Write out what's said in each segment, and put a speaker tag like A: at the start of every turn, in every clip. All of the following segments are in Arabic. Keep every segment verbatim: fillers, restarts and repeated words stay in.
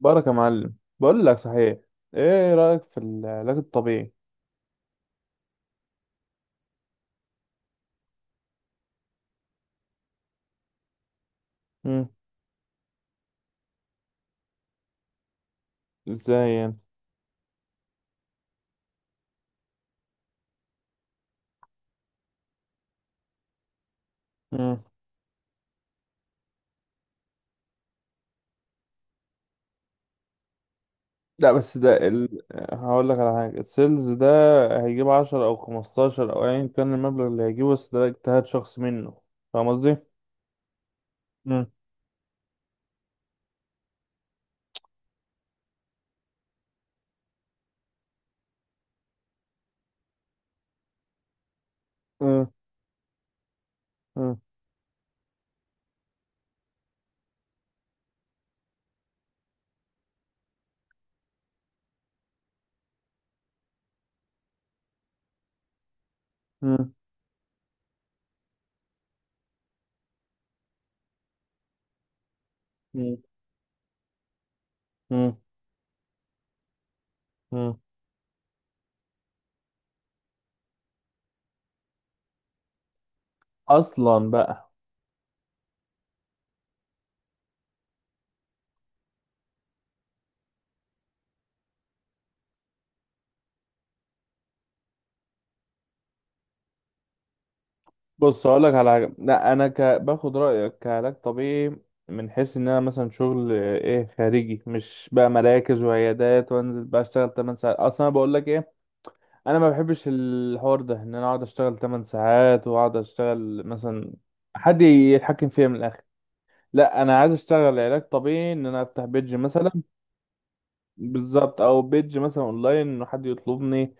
A: بارك يا معلم، بقول لك صحيح. ايه رأيك في العلاج الطبيعي؟ مم. ازاي يعني؟ مم. لا بس ده ال... هقول لك على حاجة. السيلز ده هيجيب عشرة او خمستاشر او ايا كان المبلغ اللي هيجيبه، بس ده اجتهاد شخص منه. فاهم قصدي؟ مم. مم. مم. مم. مم. مم. مم. اصلا بقى. بص هقول لك على حاجه. لا انا ك... باخد رايك كعلاج طبيعي، من حيث ان انا مثلا شغل آه، ايه خارجي، مش بقى مراكز وعيادات وانزل بقى اشتغل تمن ساعات. اصلا انا بقول لك ايه، انا ما بحبش الحوار ده، ان انا اقعد اشتغل تمن ساعات واقعد اشتغل مثلا حد يتحكم فيا من الاخر. لا انا عايز اشتغل علاج طبيعي، ان انا افتح بيدج مثلا. بالظبط او بيدج مثلا اونلاين ان حد يطلبني.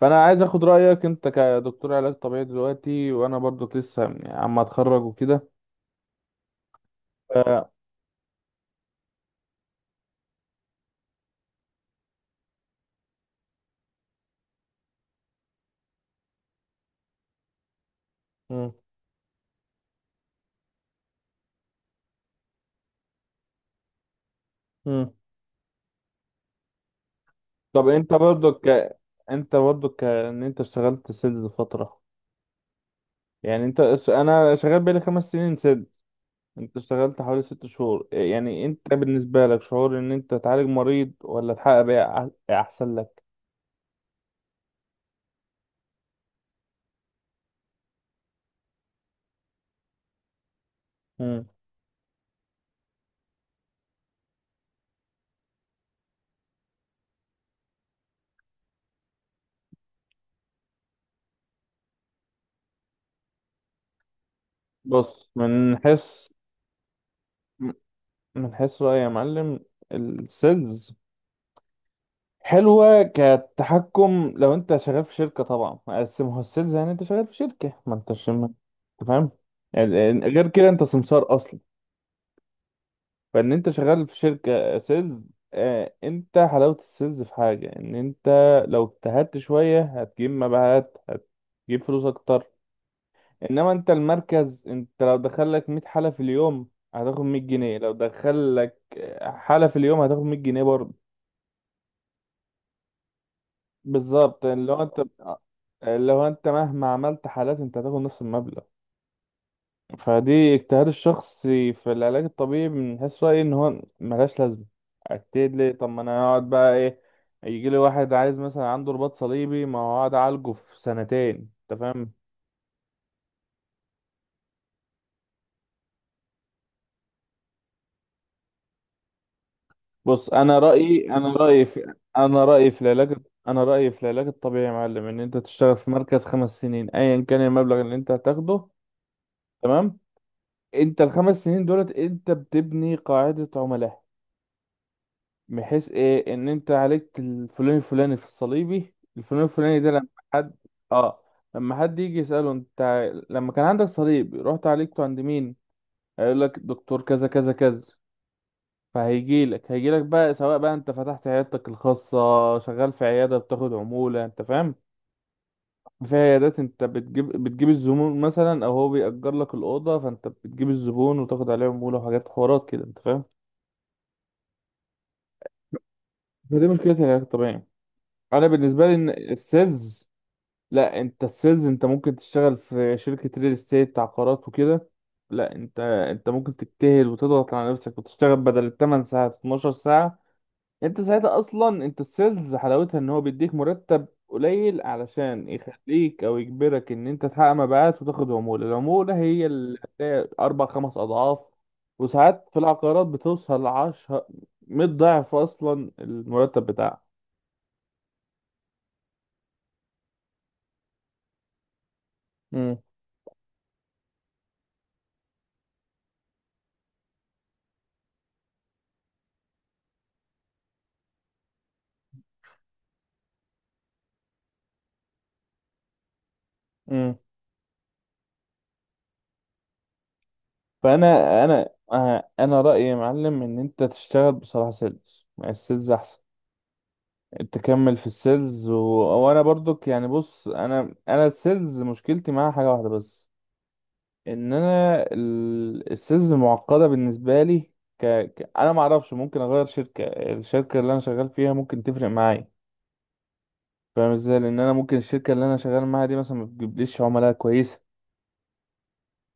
A: فانا عايز اخد رايك انت كدكتور علاج طبيعي دلوقتي، وانا برضك لسه يعني عم اتخرج وكده. آه، مم، مم. طب انت برضو ك... انت برضو ك... ان انت اشتغلت سيلز فترة، يعني انت اش- انا شغال بقالي خمس سنين سيلز، انت اشتغلت حوالي ست شهور. يعني انت بالنسبة لك شعور ان انت تعالج مريض ولا تحقق بيع أح- احسن لك؟ مم. بص من حيث من حيث رأيي يا معلم، السيلز حلوة كتحكم لو انت شغال في شركة طبعا، بس ما هو السيلز يعني انت شغال في شركة ما انتش ما- انت فاهم. يعني غير كده انت سمسار اصلا. فان انت شغال في شركة سيلز، اه انت حلاوة السيلز في حاجة، ان انت لو اجتهدت شوية هتجيب مبيعات، هتجيب فلوس اكتر. انما انت المركز، انت لو دخلك مية حالة في اليوم هتاخد مية جنيه، لو دخلك حالة في اليوم هتاخد مية جنيه برضه. بالظبط، اللي هو انت اللي هو انت مهما عملت حالات انت هتاخد نفس المبلغ. فدي اجتهاد الشخصي. في العلاج الطبيعي بنحس رأيي ان هو ملهاش لازمة، اجتهد ليه؟ طب ما انا اقعد بقى ايه، يجي لي واحد عايز مثلا عنده رباط صليبي، ما هو اقعد اعالجه في سنتين. انت فاهم؟ بص انا رأيي انا رأيي في انا رأيي في العلاج انا رأيي في العلاج الطبيعي يا معلم، ان انت تشتغل في مركز خمس سنين ايا كان المبلغ اللي انت هتاخده. تمام؟ انت الخمس سنين دولت انت بتبني قاعدة عملاء، بحيث ايه، ان انت عليك الفلاني الفلاني في الصليبي الفلاني الفلاني. ده لما حد، اه، لما حد يجي يسأله، انت لما كان عندك صليب رحت عالجته عند مين؟ هيقول لك دكتور كذا كذا كذا. فهيجي لك هيجي لك بقى، سواء بقى انت فتحت عيادتك الخاصة، شغال في عيادة بتاخد عمولة. انت فاهم؟ في عيادات انت بتجيب بتجيب الزبون مثلا، او هو بيأجر لك الأوضة فانت بتجيب الزبون وتاخد عليه عمولة، وحاجات حوارات كده. انت فاهم؟ دي مشكلة العلاج الطبيعي. انا بالنسبة لي ان السيلز، لا انت السيلز انت ممكن تشتغل في شركة ريل استيت، عقارات وكده. لا انت انت ممكن تجتهد وتضغط على نفسك وتشتغل بدل التمن ساعات اتناشر ساعة. انت ساعتها اصلا، انت السيلز حلاوتها ان هو بيديك مرتب قليل علشان يخليك او يجبرك ان انت تحقق مبيعات وتاخد عمولة. العمولة هي اللي هتلاقي اربع خمس اضعاف، وساعات في العقارات بتوصل لعشرة، مية ضعف اصلا المرتب بتاعك. مم. فانا انا آه، انا رايي يا معلم ان انت تشتغل بصراحه سيلز، يعني السيلز احسن. تكمل في السيلز و... وانا برضك يعني، بص انا انا السيلز مشكلتي معاها حاجه واحده بس، ان انا ال... السيلز معقده بالنسبه لي. ك... ك... انا ما اعرفش، ممكن اغير شركه، الشركه اللي انا شغال فيها ممكن تفرق معايا. فاهم ازاي؟ لان انا ممكن الشركه اللي انا شغال معاها دي مثلا ما بتجيبليش عملاء كويسه.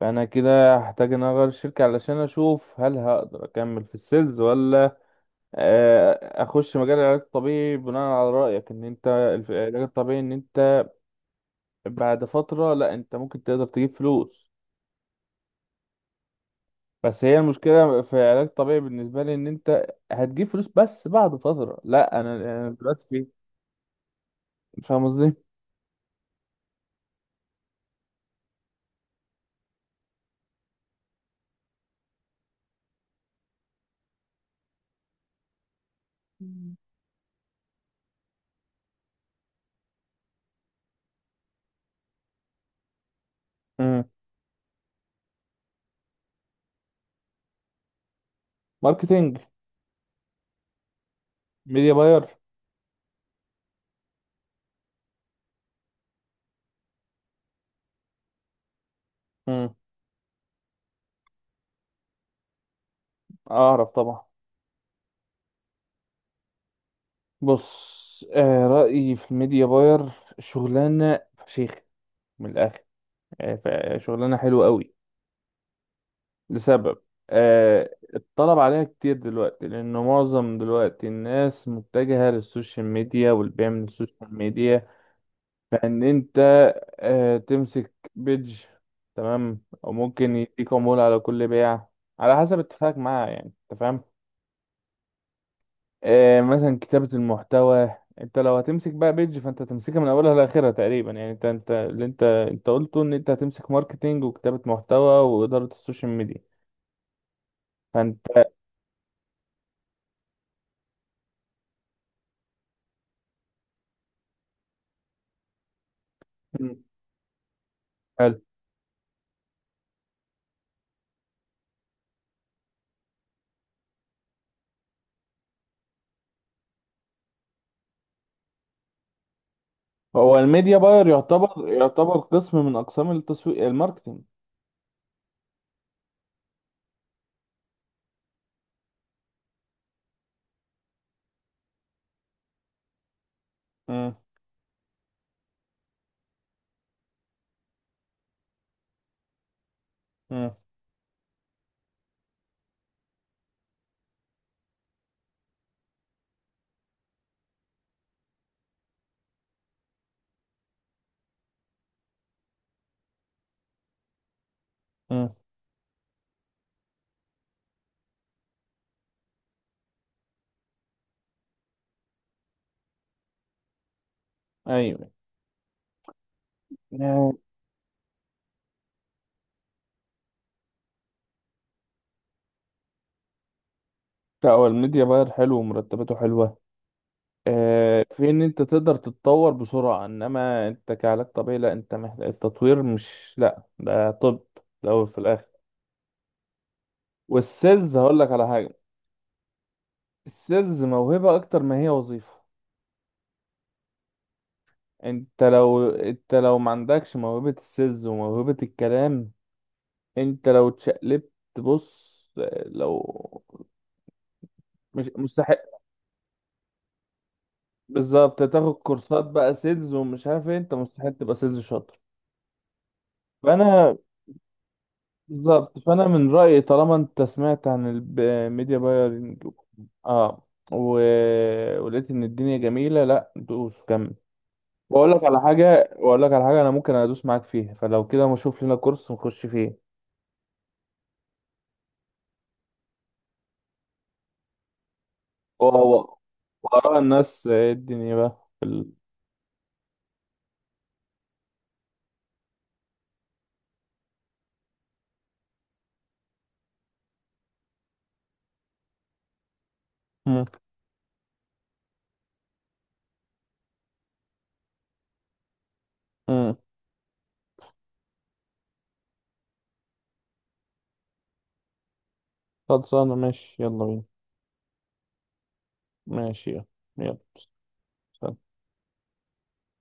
A: فانا كده هحتاج ان أنا اغير الشركه علشان اشوف هل هقدر اكمل في السيلز، ولا آه، اخش مجال العلاج الطبيعي بناء على رايك، ان انت الف- العلاج الطبيعي ان انت بعد فتره لا انت ممكن تقدر تجيب فلوس. بس هي المشكله في العلاج الطبيعي بالنسبه لي ان انت هتجيب فلوس بس بعد فتره، لا انا أنا دلوقتي في، فاهم قصدي؟ مم. مم. ماركتينج. ميديا باير. مم. اعرف طبعا. بص، آه رايي في الميديا باير، شغلانه فشيخ من الاخر. آه، ف- شغلانه حلوه قوي، لسبب، آه الطلب عليها كتير دلوقتي لأن معظم دلوقتي الناس متجهة للسوشيال ميديا والبيع من السوشيال ميديا. فإن أنت آه تمسك بيج، تمام، أو ممكن يديك عمولة على كل بيع، على حسب اتفاقك معاه، يعني أنت فاهم. آه مثلا كتابة المحتوى، أنت لو هتمسك بقى بيج فأنت هتمسكها من أولها لآخرها تقريبا، يعني أنت أنت اللي أنت أنت قلته، إن أنت هتمسك ماركتينج وكتابة محتوى وإدارة السوشيال ميديا، فأنت. مم. حلو. هو الميديا باير يعتبر، يعتبر قسم من اقسام التسويق، الماركتينج. امم. امم. امم. ايوه. آه، لا هو الميديا باير حلو ومرتباته حلوه. آه في ان انت تقدر تتطور بسرعه، انما انت كعلاج طبيعي لا، انت محتاج التطوير مش لا ده طب. الاول في الاخر. والسيلز هقول لك على حاجه، السيلز موهبه اكتر ما هي وظيفه. انت لو انت لو ما عندكش موهبه السيلز وموهبه الكلام، انت لو اتشقلبت، بص، لو، مش مستحيل. بالظبط، تاخد كورسات بقى سيلز ومش عارف ايه، انت مستحيل تبقى سيلز شاطر. فانا بالظبط. فانا من رأيي طالما انت سمعت عن الميديا بايرنج، اه، و... ولقيت ان الدنيا جميلة، لا دوس كمل. واقول لك على حاجة واقول لك على حاجة انا ممكن ادوس معاك فيها، فلو كده ما اشوف لنا كورس نخش فيه. وهو وراء الناس ايه الدنيا بقى في ال... مم. مم. خلصانة، ماشي يلا بينا. ماشي يلا. يلا.